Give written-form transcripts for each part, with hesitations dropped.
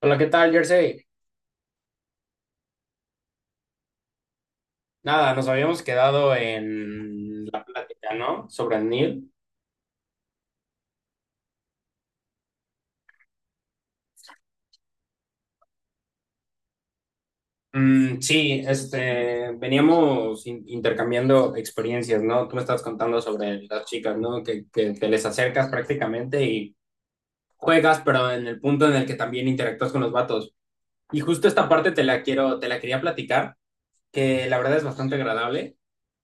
Hola, ¿qué tal, Jersey? Nada, nos habíamos quedado en la plática, ¿no? Sobre Neil. Mm, sí, este, veníamos intercambiando experiencias, ¿no? Tú me estabas contando sobre las chicas, ¿no? Que te les acercas prácticamente y juegas, pero en el punto en el que también interactúas con los vatos. Y justo esta parte te la quiero, te la quería platicar, que la verdad es bastante agradable.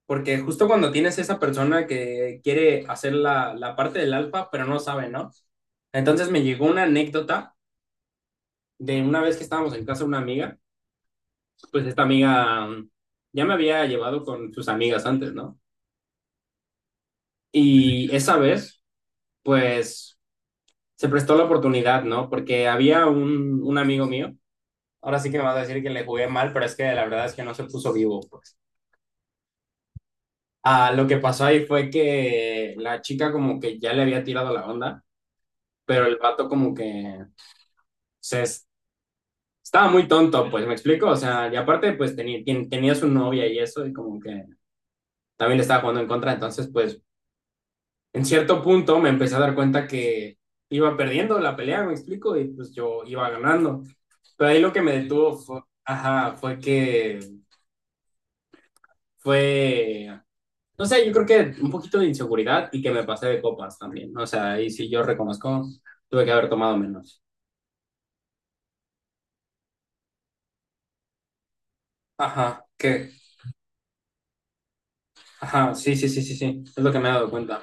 Porque justo cuando tienes esa persona que quiere hacer la parte del alfa, pero no sabe, ¿no? Entonces me llegó una anécdota de una vez que estábamos en casa de una amiga, pues esta amiga ya me había llevado con sus amigas antes, ¿no? Y esa vez, pues se prestó la oportunidad, ¿no? Porque había un amigo mío, ahora sí que me vas a decir que le jugué mal, pero es que la verdad es que no se puso vivo, pues. Ah, lo que pasó ahí fue que la chica como que ya le había tirado la onda, pero el vato como que sea, estaba muy tonto, pues, ¿me explico? O sea, y aparte, pues, tenía su novia y eso, y como que también le estaba jugando en contra, entonces, pues, en cierto punto me empecé a dar cuenta que iba perdiendo la pelea, ¿me explico? Y, pues, yo iba ganando. Pero ahí lo que me detuvo fue, ajá, fue que fue, no sé, yo creo que un poquito de inseguridad y que me pasé de copas también. O sea, ahí sí yo reconozco, tuve que haber tomado menos. Ajá, que, ajá, sí, sí, sí, sí, sí, es lo que me he dado cuenta.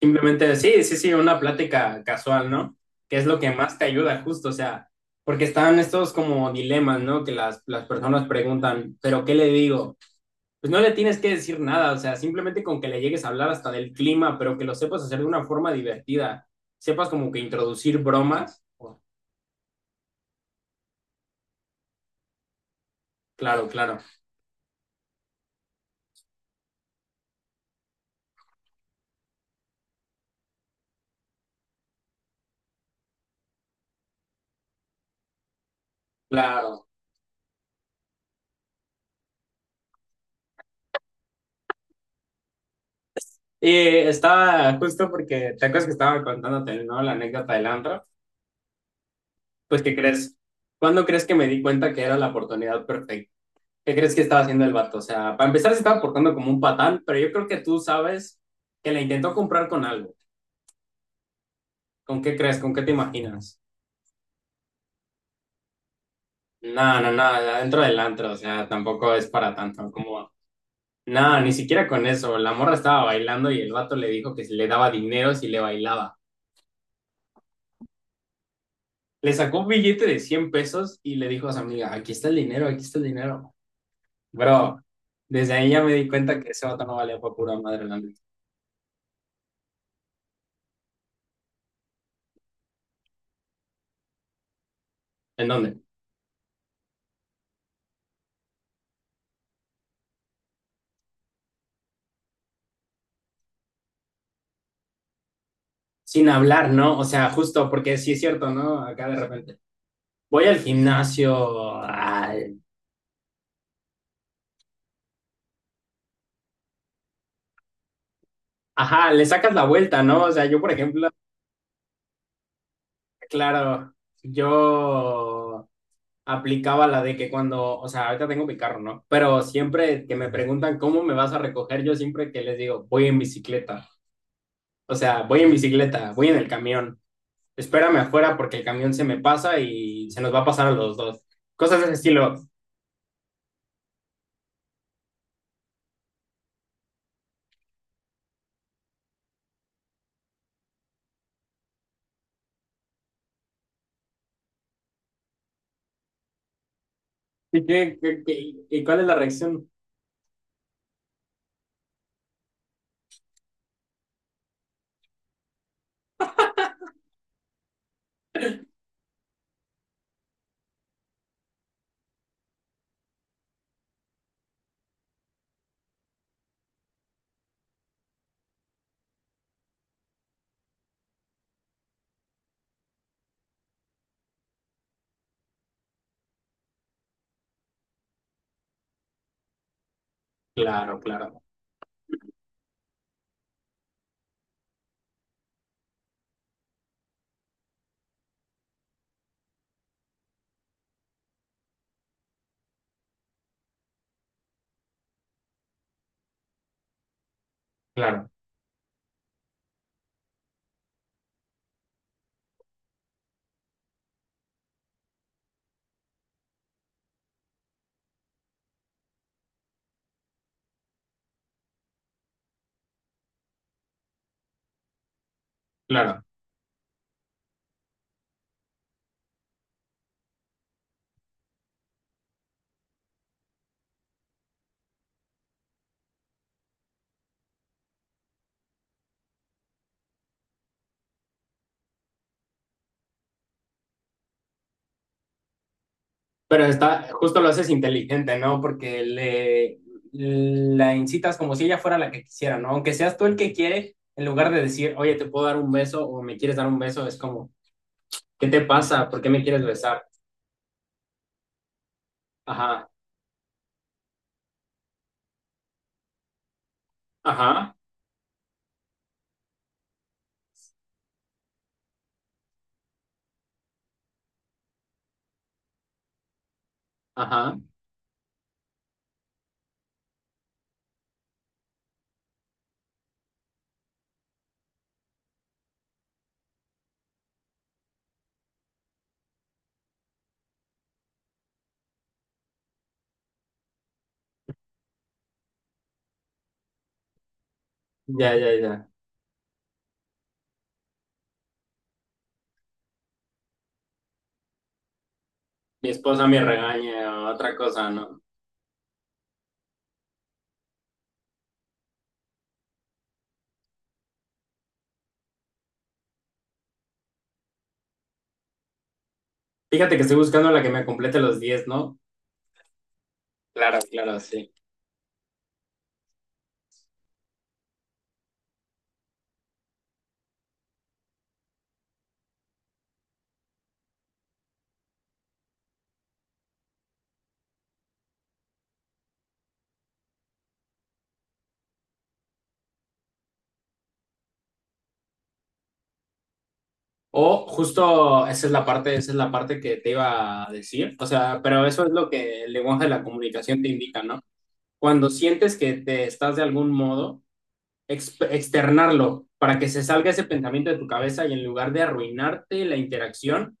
Simplemente, sí, sí, sí, una plática casual, ¿no? Que es lo que más te ayuda, justo, o sea, porque están estos como dilemas, ¿no? Que las personas preguntan, ¿pero qué le digo? Pues no le tienes que decir nada, o sea, simplemente con que le llegues a hablar hasta del clima, pero que lo sepas hacer de una forma divertida, sepas como que introducir bromas. Oh, claro, claro, claro. Y estaba justo porque, ¿te acuerdas que estaba contándote, ¿no? La anécdota del antro. Pues, ¿qué crees? ¿Cuándo crees que me di cuenta que era la oportunidad perfecta? ¿Qué crees que estaba haciendo el vato? O sea, para empezar se estaba portando como un patán, pero yo creo que tú sabes que la intentó comprar con algo. ¿Con qué crees? ¿Con qué te imaginas? No, no, no, dentro del antro, o sea, tampoco es para tanto, como... No, ni siquiera con eso. La morra estaba bailando y el vato le dijo que si le daba dinero si le bailaba. Le sacó un billete de 100 pesos y le dijo a su amiga, aquí está el dinero, aquí está el dinero. Bro, desde ahí ya me di cuenta que ese vato no valía por pura madre, la neta. ¿En dónde? Sin hablar, ¿no? O sea, justo porque sí es cierto, ¿no? Acá de repente. Voy al gimnasio. Ajá, le sacas la vuelta, ¿no? O sea, yo, por ejemplo, claro, yo aplicaba la de que cuando, o sea, ahorita tengo mi carro, ¿no? Pero siempre que me preguntan cómo me vas a recoger, yo siempre que les digo, voy en bicicleta. O sea, voy en bicicleta, voy en el camión. Espérame afuera porque el camión se me pasa y se nos va a pasar a los dos. Cosas de ese estilo. ¿Y cuál es la reacción? Claro, claro, claro, claro. Pero está, justo lo haces inteligente, ¿no? Porque le la incitas como si ella fuera la que quisiera, ¿no? Aunque seas tú el que quiere, en lugar de decir, oye, te puedo dar un beso o me quieres dar un beso, es como, ¿qué te pasa? ¿Por qué me quieres besar? Ajá, ajá, ajá. Ya, ya, ya. Mi esposa me regaña, otra cosa, ¿no? Fíjate que estoy buscando la que me complete los 10, ¿no? Claro, claro, sí. O justo esa es la parte, esa es la parte que te iba a decir. O sea, pero eso es lo que el lenguaje de la comunicación te indica, ¿no? Cuando sientes que te estás de algún modo, externarlo para que se salga ese pensamiento de tu cabeza y en lugar de arruinarte la interacción.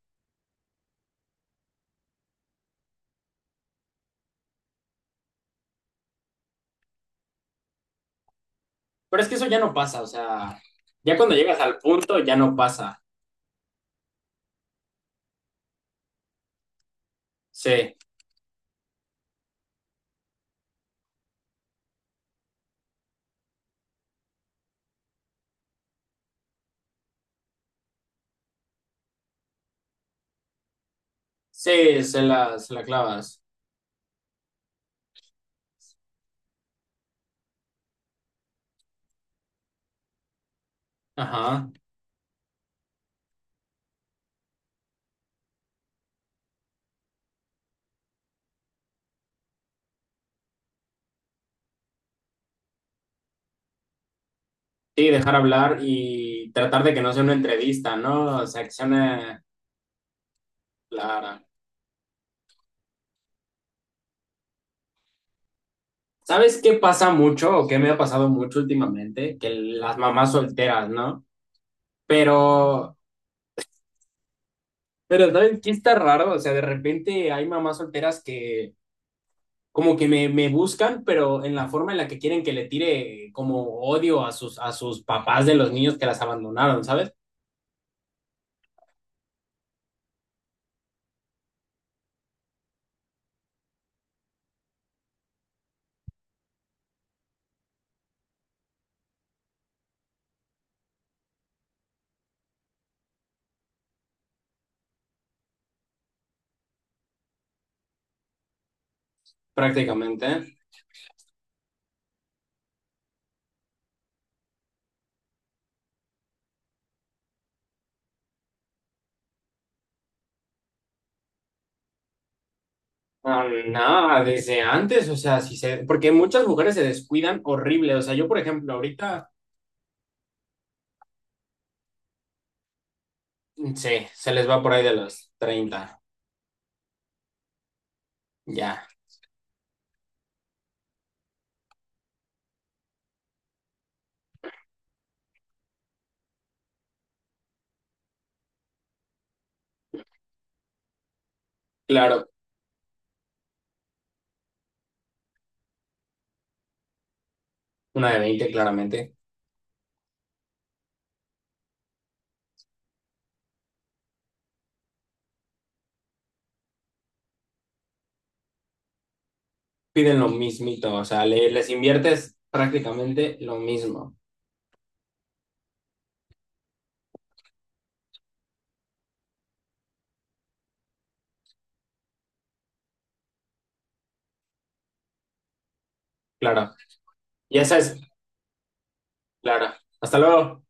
Pero es que eso ya no pasa, o sea, ya cuando llegas al punto ya no pasa. Sí, sí, se la clavas. Ajá. Sí, dejar hablar y tratar de que no sea una entrevista, ¿no? O sea, que sea una... Clara. ¿Sabes qué pasa mucho o qué me ha pasado mucho últimamente? Que las mamás solteras, ¿no? Pero, pero ¿sabes qué está raro? O sea, de repente hay mamás solteras que como que me buscan, pero en la forma en la que quieren que le tire como odio a sus papás de los niños que las abandonaron, ¿sabes? Prácticamente. Ah, nada, desde antes, o sea, si se, porque muchas mujeres se descuidan horrible. O sea, yo, por ejemplo, ahorita, sí, se les va por ahí de los 30 ya. Claro, una de 20 claramente, piden lo mismito, o sea, les inviertes prácticamente lo mismo. Claro, y esa es, claro. Hasta luego.